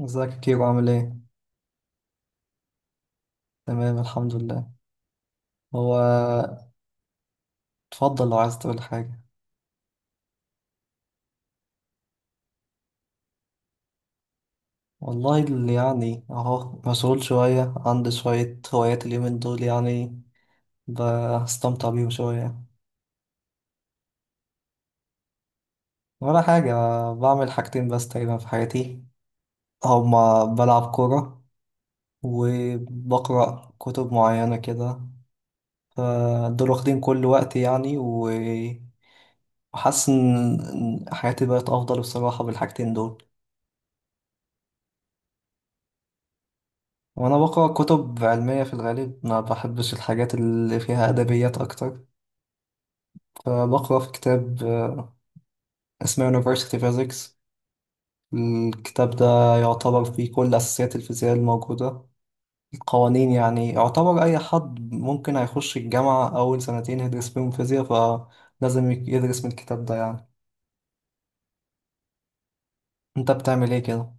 ازيك يا كيرو عامل ايه؟ تمام الحمد لله. هو اتفضل لو عايز تقول حاجة. والله اللي يعني اهو مسؤول شوية، عندي شوية هوايات اليومين دول يعني، بستمتع بيهم شوية. ولا حاجة، بعمل حاجتين بس تقريبا في حياتي، هما بلعب كورة وبقرأ كتب معينة كده. فدول واخدين كل وقتي يعني وحاسس ان إن حياتي بقت افضل بصراحة بالحاجتين دول. وانا بقرا كتب علميه في الغالب، ما بحبش الحاجات اللي فيها ادبيات اكتر. فبقرا في كتاب اسمه University Physics. الكتاب ده يعتبر فيه كل اساسيات الفيزياء الموجوده، القوانين يعني. يعتبر اي حد ممكن هيخش الجامعه اول 2 سنتين يدرس فيهم فيزياء، فلازم يدرس من الكتاب ده يعني. انت بتعمل ايه كده؟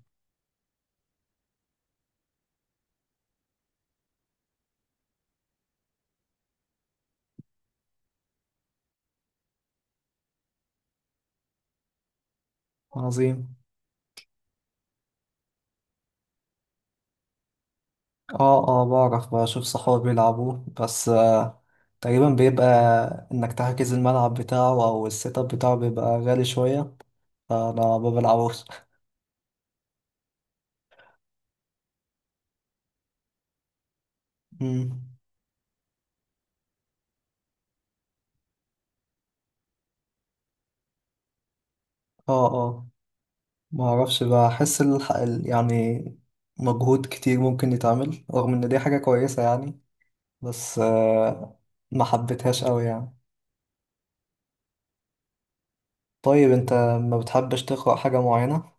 عظيم. اه اه بعرف، بشوف صحابي بيلعبوه بس آه، تقريبا بيبقى انك تحجز الملعب بتاعه او السيت اب بتاعه بيبقى غالي شوية، فانا ما بلعبوش. مم. اه اه، ما اعرفش، بحس يعني مجهود كتير ممكن يتعمل رغم ان دي حاجة كويسة يعني، بس آه ما حبيتهاش قوي يعني. طيب انت ما بتحبش تقرأ حاجة معينة؟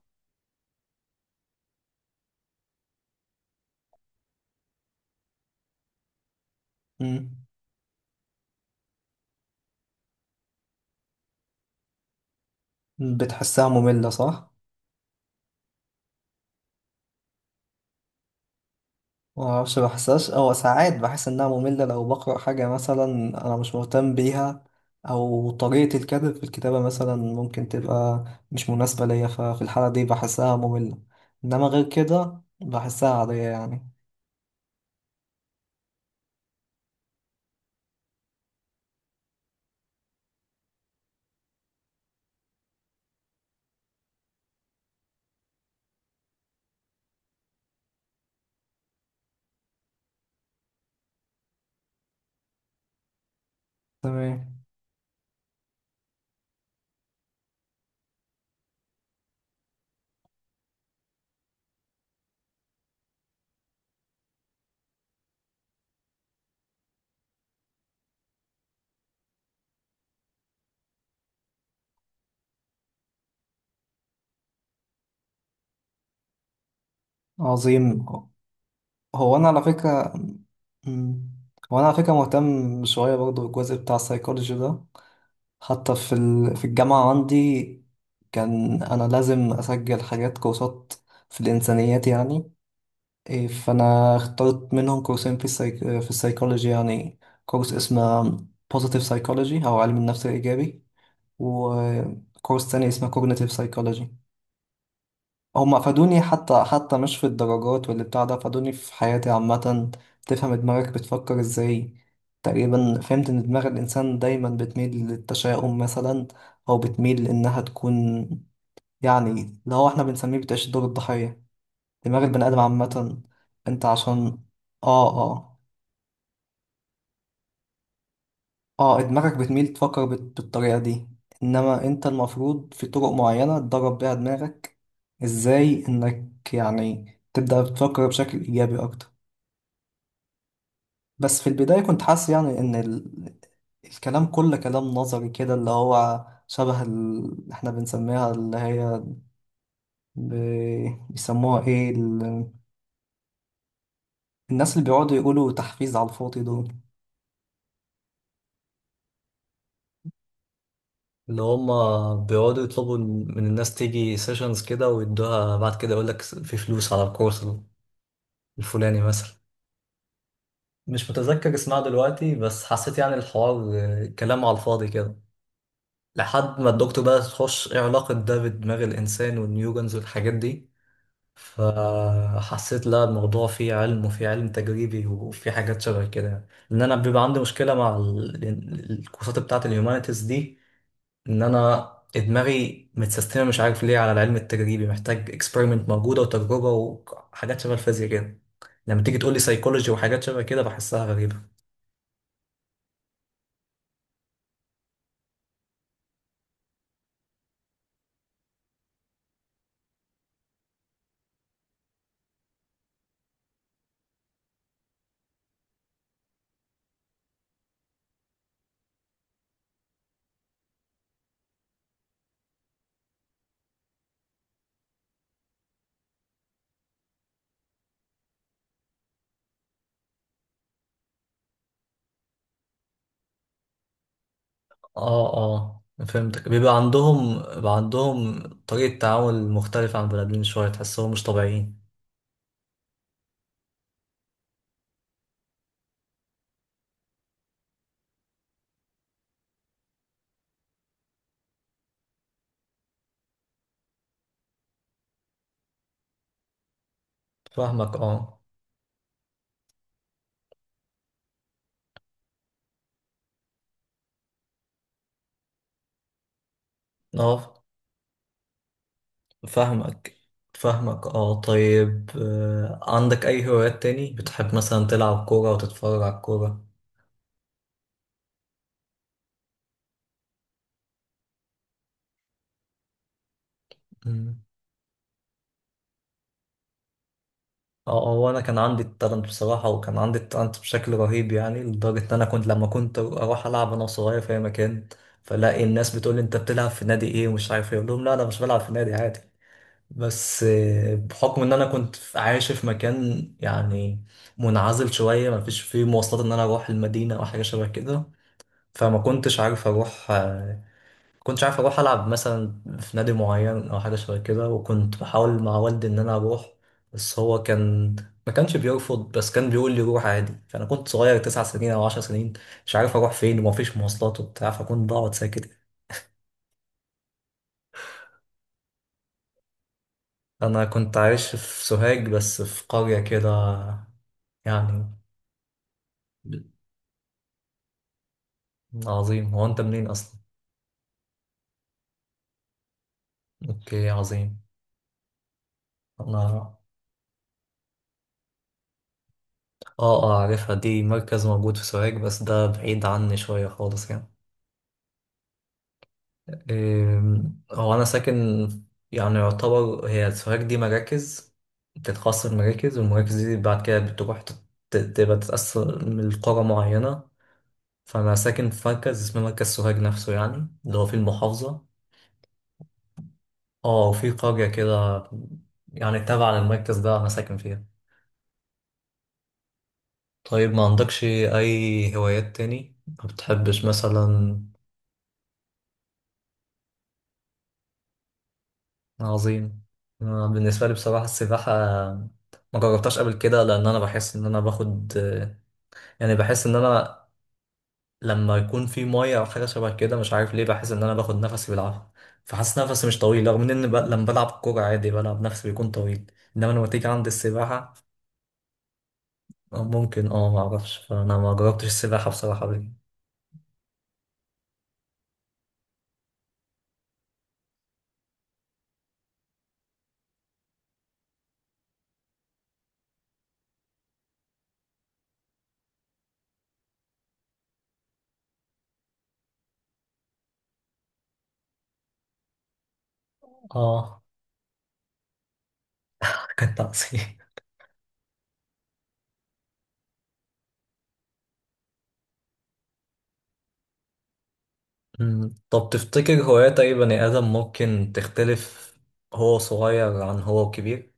مم. بتحسها مملة صح؟ ما اعرفش بحسهاش، او ساعات بحس انها مملة لو بقرأ حاجة مثلا انا مش مهتم بيها، او طريقة الكاتب في الكتابة مثلا ممكن تبقى مش مناسبة ليا، ففي الحالة دي بحسها مملة، انما غير كده بحسها عادية يعني. تمام. عظيم. هو انا على فكرة. مم. هو انا على فكرة مهتم شوية برضو بالجزء بتاع السايكولوجي ده. في الجامعة عندي كان انا لازم اسجل حاجات كورسات في الانسانيات يعني. إيه، فأنا اخترت منهم كورسين في السايكولوجي يعني. كورس اسمه Positive Psychology أو علم النفس الإيجابي، وكورس تاني اسمه Cognitive Psychology. هما فادوني، حتى مش في الدرجات واللي بتاع ده، فادوني في حياتي عامة. تفهم دماغك بتفكر ازاي. تقريبا فهمت ان دماغ الإنسان دايما بتميل للتشاؤم مثلا، أو بتميل إنها تكون يعني اللي هو احنا بنسميه بتعيش دور الضحية، دماغ البني آدم عامة. انت عشان اه اه. اه دماغك بتميل تفكر بالطريقة دي، انما انت المفروض في طرق معينة تدرب بيها دماغك، ازاي انك يعني تبدأ تفكر بشكل ايجابي اكتر. بس في البداية كنت حاسس يعني الكلام كله كلام نظري كده، اللي هو احنا بنسميها اللي هي ب... بيسموها ايه الناس اللي بيقعدوا يقولوا تحفيز على الفاضي دول، اللي هما بيقعدوا يطلبوا من الناس تيجي سيشنز كده ويدوها، بعد كده يقولك في فلوس على الكورس الفلاني مثلا. مش متذكر اسمها دلوقتي، بس حسيت يعني الحوار كلام على الفاضي كده، لحد ما الدكتور بقى تخش ايه علاقة ده بدماغ الإنسان والنيورونز والحاجات دي. فحسيت لا، الموضوع فيه علم وفيه علم تجريبي وفيه حاجات شبه كده يعني. لأن أنا بيبقى عندي مشكلة مع الكورسات بتاعة الهيومانيتيز دي، ان انا دماغي متسيستمه مش عارف ليه على العلم التجريبي، محتاج اكسبيرمنت موجوده وتجربه وحاجات شبه الفيزياء كده. لما تيجي تقول لي سايكولوجي وحاجات شبه كده بحسها غريبه. اه اه فهمتك، بيبقى عندهم طريقه تعامل مختلفه عن بني ادمين شويه، تحسهم مش طبيعيين. فاهمك اه اه. فاهمك فاهمك اه. طيب عندك اي هوايات تاني؟ بتحب مثلا تلعب كوره وتتفرج على الكوره؟ مم. اه هو انا كان عندي التالنت بصراحه، وكان عندي التالنت بشكل رهيب يعني، لدرجه ان انا كنت لما كنت اروح العب انا صغير في اي مكان، فلاقي الناس بتقول لي انت بتلعب في نادي ايه ومش عارف ايه، اقول لهم لا انا مش بلعب في نادي عادي. بس آه، بحكم ان انا كنت عايش في مكان يعني منعزل شويه، ما فيش فيه مواصلات ان انا اروح المدينه او حاجه شبه كده، فما كنتش عارف اروح. كنتش عارف اروح العب مثلا في نادي معين او حاجه شبه كده، وكنت بحاول مع والدي ان انا اروح، بس هو كان ما كانش بيرفض، بس كان بيقول لي روح عادي. فانا كنت صغير 9 سنين او 10 سنين، مش عارف اروح فين ومفيش مواصلات وبتاع، فكنت بقعد ساكت. انا كنت عايش في سوهاج بس في قريه كده يعني. عظيم، هو انت منين اصلا؟ اوكي عظيم. انا اه اه عارفها دي، مركز موجود في سوهاج، بس ده بعيد عني شويه خالص يعني. أم، هو أنا ساكن، يعني يعتبر هي سوهاج دي مراكز، بتتخصص المراكز، والمراكز دي بعد كده بتروح تبقى تتقسم لقرى معينة. فأنا ساكن في مركز اسمه مركز سوهاج نفسه، يعني اللي هو في المحافظة. اه وفي قرية كده يعني تابعة للمركز ده أنا ساكن فيها. طيب ما عندكش أي هوايات تاني ما بتحبش مثلا؟ عظيم. أنا بالنسبة لي بصراحة السباحة ما جربتهاش قبل كده، لأن أنا بحس إن أنا باخد يعني، بحس إن أنا لما يكون في مية أو حاجة شبه كده مش عارف ليه بحس إن أنا باخد نفسي بالعافية، فحاسس نفسي مش طويل، رغم إن لما بلعب كورة عادي بلعب نفسي بيكون طويل، إنما لما تيجي عند السباحة، ممكن أه معرفش، فأنا ما جربتش السباحة بصراحة قبل كده. أه كانت عظيم. أمم، طب تفتكر هوايات أي بني آدم ممكن تختلف، هو صغير عن هو كبير؟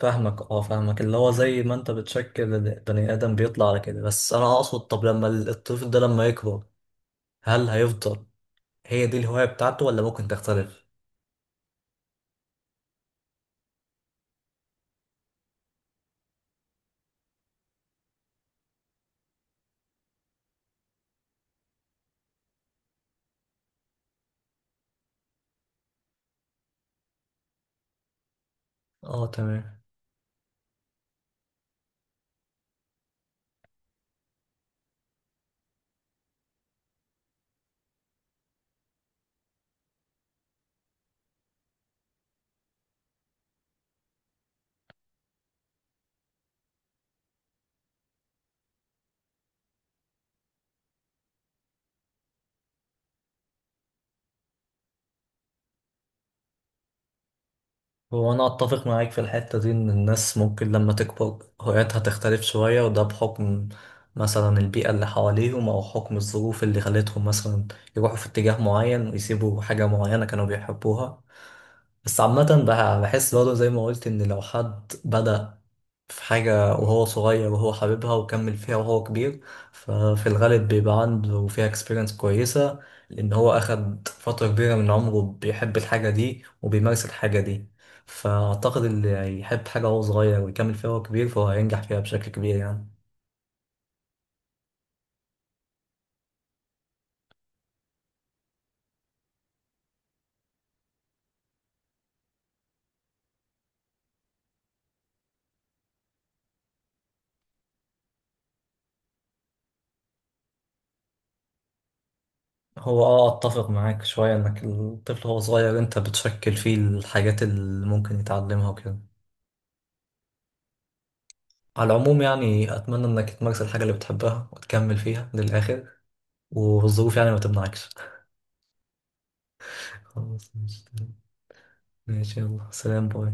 فاهمك اه. فاهمك، اللي هو زي ما انت بتشكل البني ادم بيطلع على كده، بس انا اقصد طب لما الطفل ده لما يكبر، هل هيفضل هي دي الهواية بتاعته ولا ممكن تختلف؟ اه تمام. هو أنا أتفق معاك في الحتة دي، إن الناس ممكن لما تكبر هواياتها تختلف شوية، وده بحكم مثلا البيئة اللي حواليهم أو حكم الظروف اللي خلتهم مثلا يروحوا في اتجاه معين ويسيبوا حاجة معينة كانوا بيحبوها. بس عامة بحس برضه زي ما قلت إن لو حد بدأ في حاجة وهو صغير وهو حاببها وكمل فيها وهو كبير، ففي الغالب بيبقى عنده فيها اكسبيرينس كويسة، لأن هو أخد فترة كبيرة من عمره بيحب الحاجة دي وبيمارس الحاجة دي. فأعتقد اللي يحب حاجة وهو صغير ويكمل فيها وهو كبير فهو هينجح فيها بشكل كبير يعني. هو اه اتفق معاك شوية، انك الطفل وهو صغير انت بتشكل فيه الحاجات اللي ممكن يتعلمها وكده. على العموم يعني، اتمنى انك تمارس الحاجة اللي بتحبها وتكمل فيها للآخر، والظروف يعني ما تمنعكش. خلاص ماشي. ماشي، يلا سلام باي.